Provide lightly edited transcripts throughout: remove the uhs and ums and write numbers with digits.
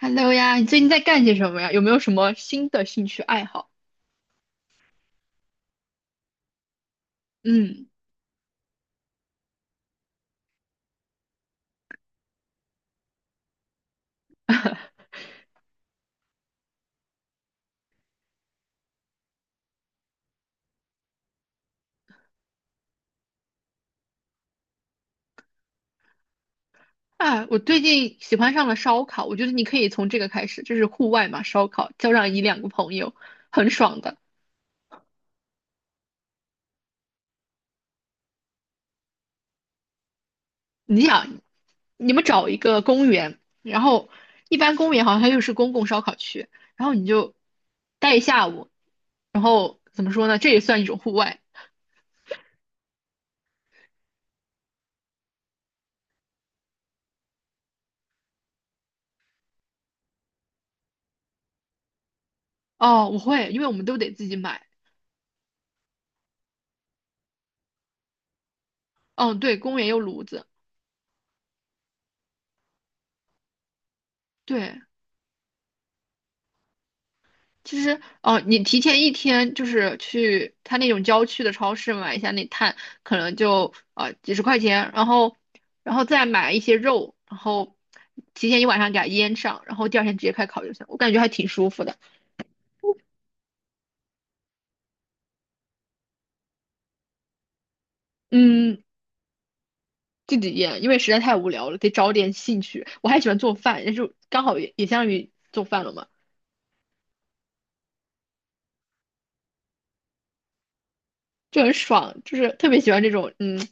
Hello 呀，你最近在干些什么呀？有没有什么新的兴趣爱好？嗯。啊，我最近喜欢上了烧烤，我觉得你可以从这个开始，就是户外嘛，烧烤，叫上一两个朋友，很爽的。你想，你们找一个公园，然后一般公园好像它又是公共烧烤区，然后你就待一下午，然后怎么说呢？这也算一种户外。哦，我会，因为我们都得自己买。嗯，对，公园有炉子。对，其实，哦，你提前一天就是去他那种郊区的超市买一下那碳，可能就啊几十块钱，然后，然后再买一些肉，然后提前一晚上给它腌上，然后第二天直接开烤就行。我感觉还挺舒服的。嗯，自己腌，因为实在太无聊了，得找点兴趣。我还喜欢做饭，但是刚好也相当于做饭了嘛。就很爽，就是特别喜欢这种，嗯，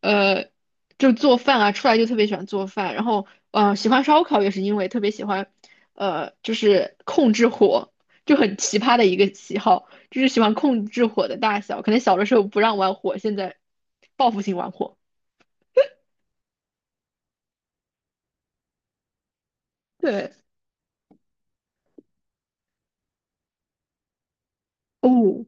呃，就做饭啊，出来就特别喜欢做饭，然后，嗯、喜欢烧烤也是因为特别喜欢，就是控制火，就很奇葩的一个喜好，就是喜欢控制火的大小，可能小的时候不让玩火，现在报复性玩火。对。哦。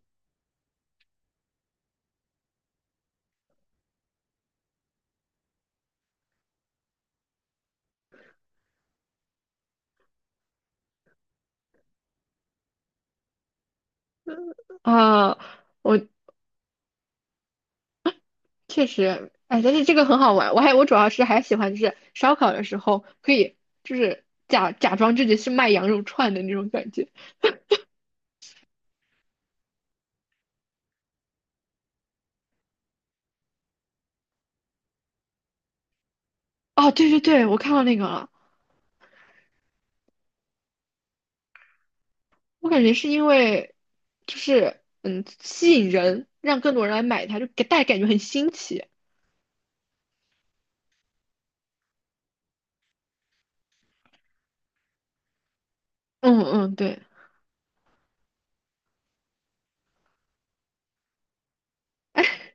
啊，我确实，哎，但是这个很好玩，我主要是还喜欢就是烧烤的时候可以就是假装自己是卖羊肉串的那种感觉。哦，对对对，我看到那个了。我感觉是因为，就是嗯，吸引人，让更多人来买它，就给大家感觉很新奇。嗯嗯，对。哎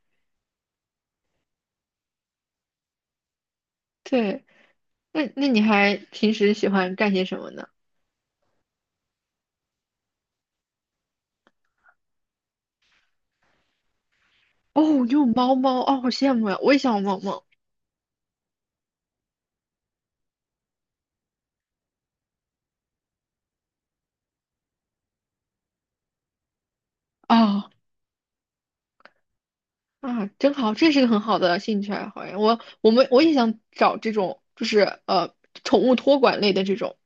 对。那你还平时喜欢干些什么呢？哦，你有猫猫哦，好羡慕呀！我也想有猫猫。啊。啊，真好，这是个很好的兴趣爱好呀。我也想找这种，就是呃，宠物托管类的这种，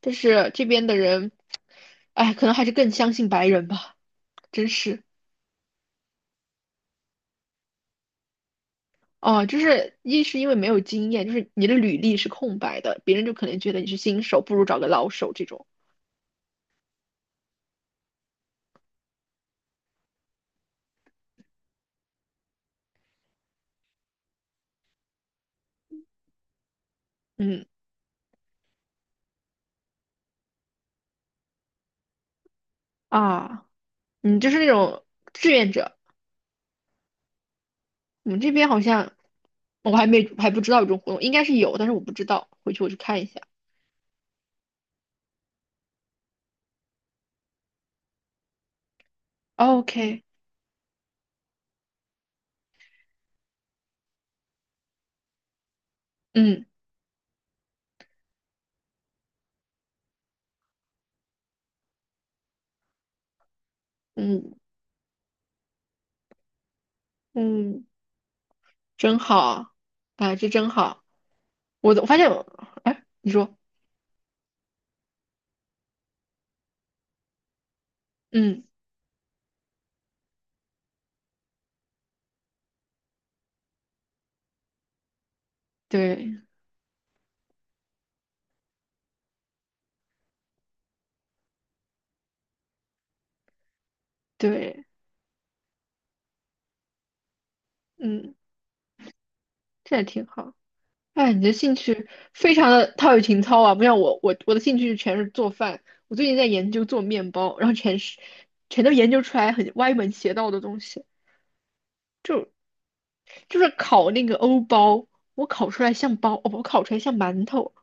但是这边的人，哎，可能还是更相信白人吧，真是。哦，就是一是因为没有经验，就是你的履历是空白的，别人就可能觉得你是新手，不如找个老手这种。嗯。啊，你就是那种志愿者。我们这边好像我还不知道有这种活动，应该是有，但是我不知道，回去我去看一下。OK。嗯嗯嗯，真好，啊，这真好。我发现我，哎，你说。嗯，对对。嗯，这也挺好。哎，你的兴趣非常的陶冶情操啊，不像我，我的兴趣全是做饭。我最近在研究做面包，然后全都研究出来很歪门邪道的东西，就是烤那个欧包，我烤出来像包，哦，我烤出来像馒头。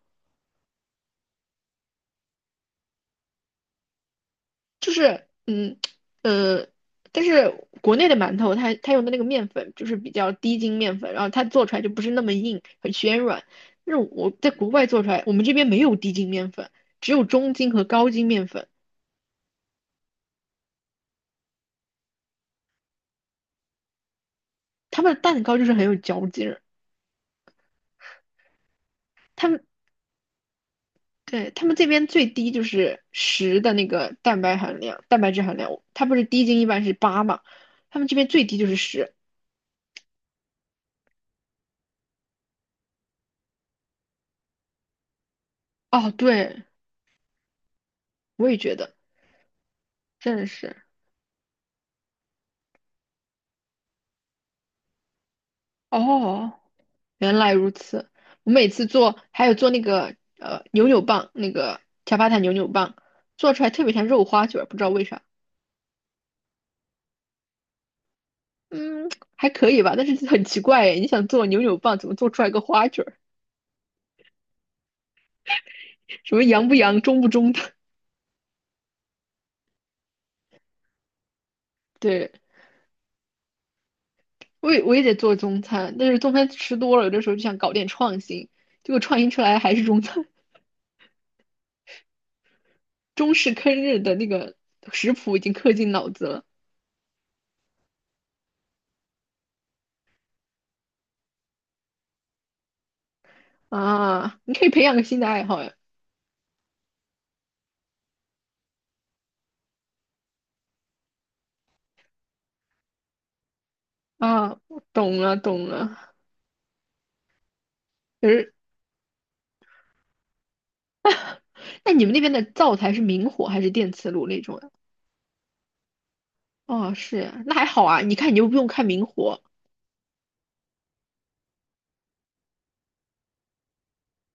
嗯。呃，但是国内的馒头它用的那个面粉就是比较低筋面粉，然后它做出来就不是那么硬，很暄软。但是我在国外做出来，我们这边没有低筋面粉，只有中筋和高筋面粉。他们的蛋糕就是很有嚼劲。他们对他们这边最低就是十的那个蛋白含量、蛋白质含量，它不是低筋一般是八嘛，他们这边最低就是十。哦，对，我也觉得。真的是。哦，原来如此。我每次做，还有做那个扭扭棒，那个恰巴塔扭扭棒，做出来特别像肉花卷儿不知道为啥。嗯，还可以吧，但是很奇怪哎，你想做扭扭棒，怎么做出来个花卷儿什么洋不洋，中不中的？对。我也得做中餐，但是中餐吃多了，有的时候就想搞点创新，结果创新出来还是中餐，中式坑日的那个食谱已经刻进脑子了。啊！你可以培养个新的爱好呀。啊！懂了懂了。可是那你们那边的灶台是明火还是电磁炉那种呀？哦，是呀那还好啊，你看你又不用看明火。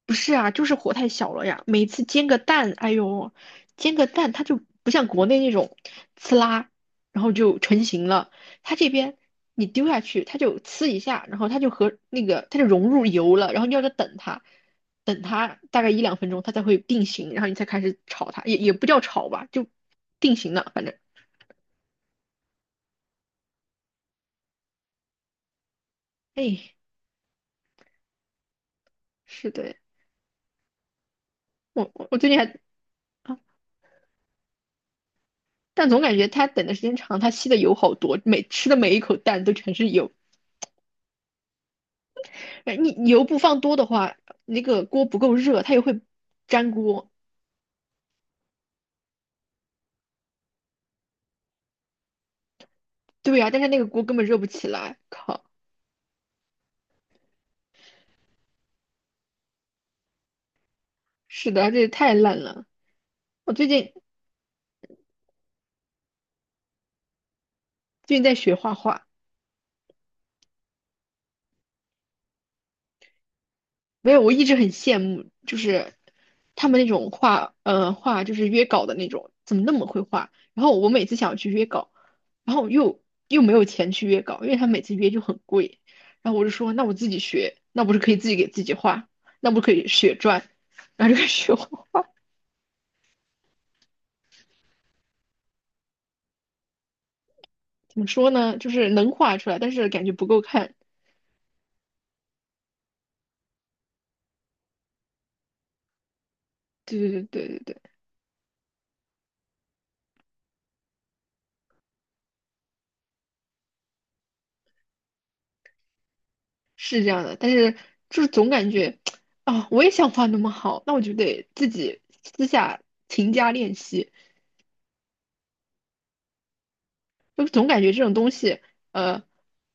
不是啊，就是火太小了呀。每次煎个蛋，哎呦，煎个蛋它就不像国内那种呲啦，然后就成型了。它这边你丢下去，它就呲一下，然后它就和那个它就融入油了，然后你要再等它，等它大概一两分钟，它才会定型，然后你才开始炒它，也不叫炒吧，就定型了。反哎，是的，我最近还。啊。但总感觉它等的时间长，它吸的油好多，每吃的每一口蛋都全是油。哎，你油不放多的话，那个锅不够热，它也会粘锅。对呀、但是那个锅根本热不起来。靠，是的，这也太烂了。我最近最近在学画画。没有，我一直很羡慕，就是他们那种画，呃，画就是约稿的那种，怎么那么会画？然后我每次想要去约稿，然后又没有钱去约稿，因为他每次约就很贵。然后我就说，那我自己学，那不是可以自己给自己画，那不可以血赚，然后就开始学画。怎么说呢？就是能画出来，但是感觉不够看。对对对对对对，是这样的。但是就是总感觉啊，我也想画那么好，那我就得自己私下勤加练习。就总感觉这种东西，呃，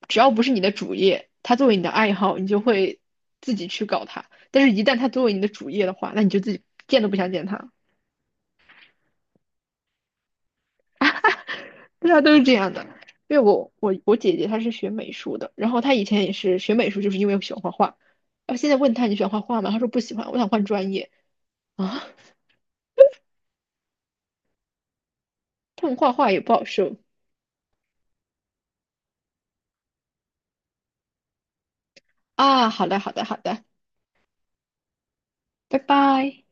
只要不是你的主业，它作为你的爱好，你就会自己去搞它。但是，一旦它作为你的主业的话，那你就自己见都不想见它。对啊，都是这样的。因为我姐姐她是学美术的，然后她以前也是学美术，就是因为我喜欢画画。然后现在问她你喜欢画画吗？她说不喜欢，我想换专业啊。但画画也不好受啊。好的，好的，好的，拜拜。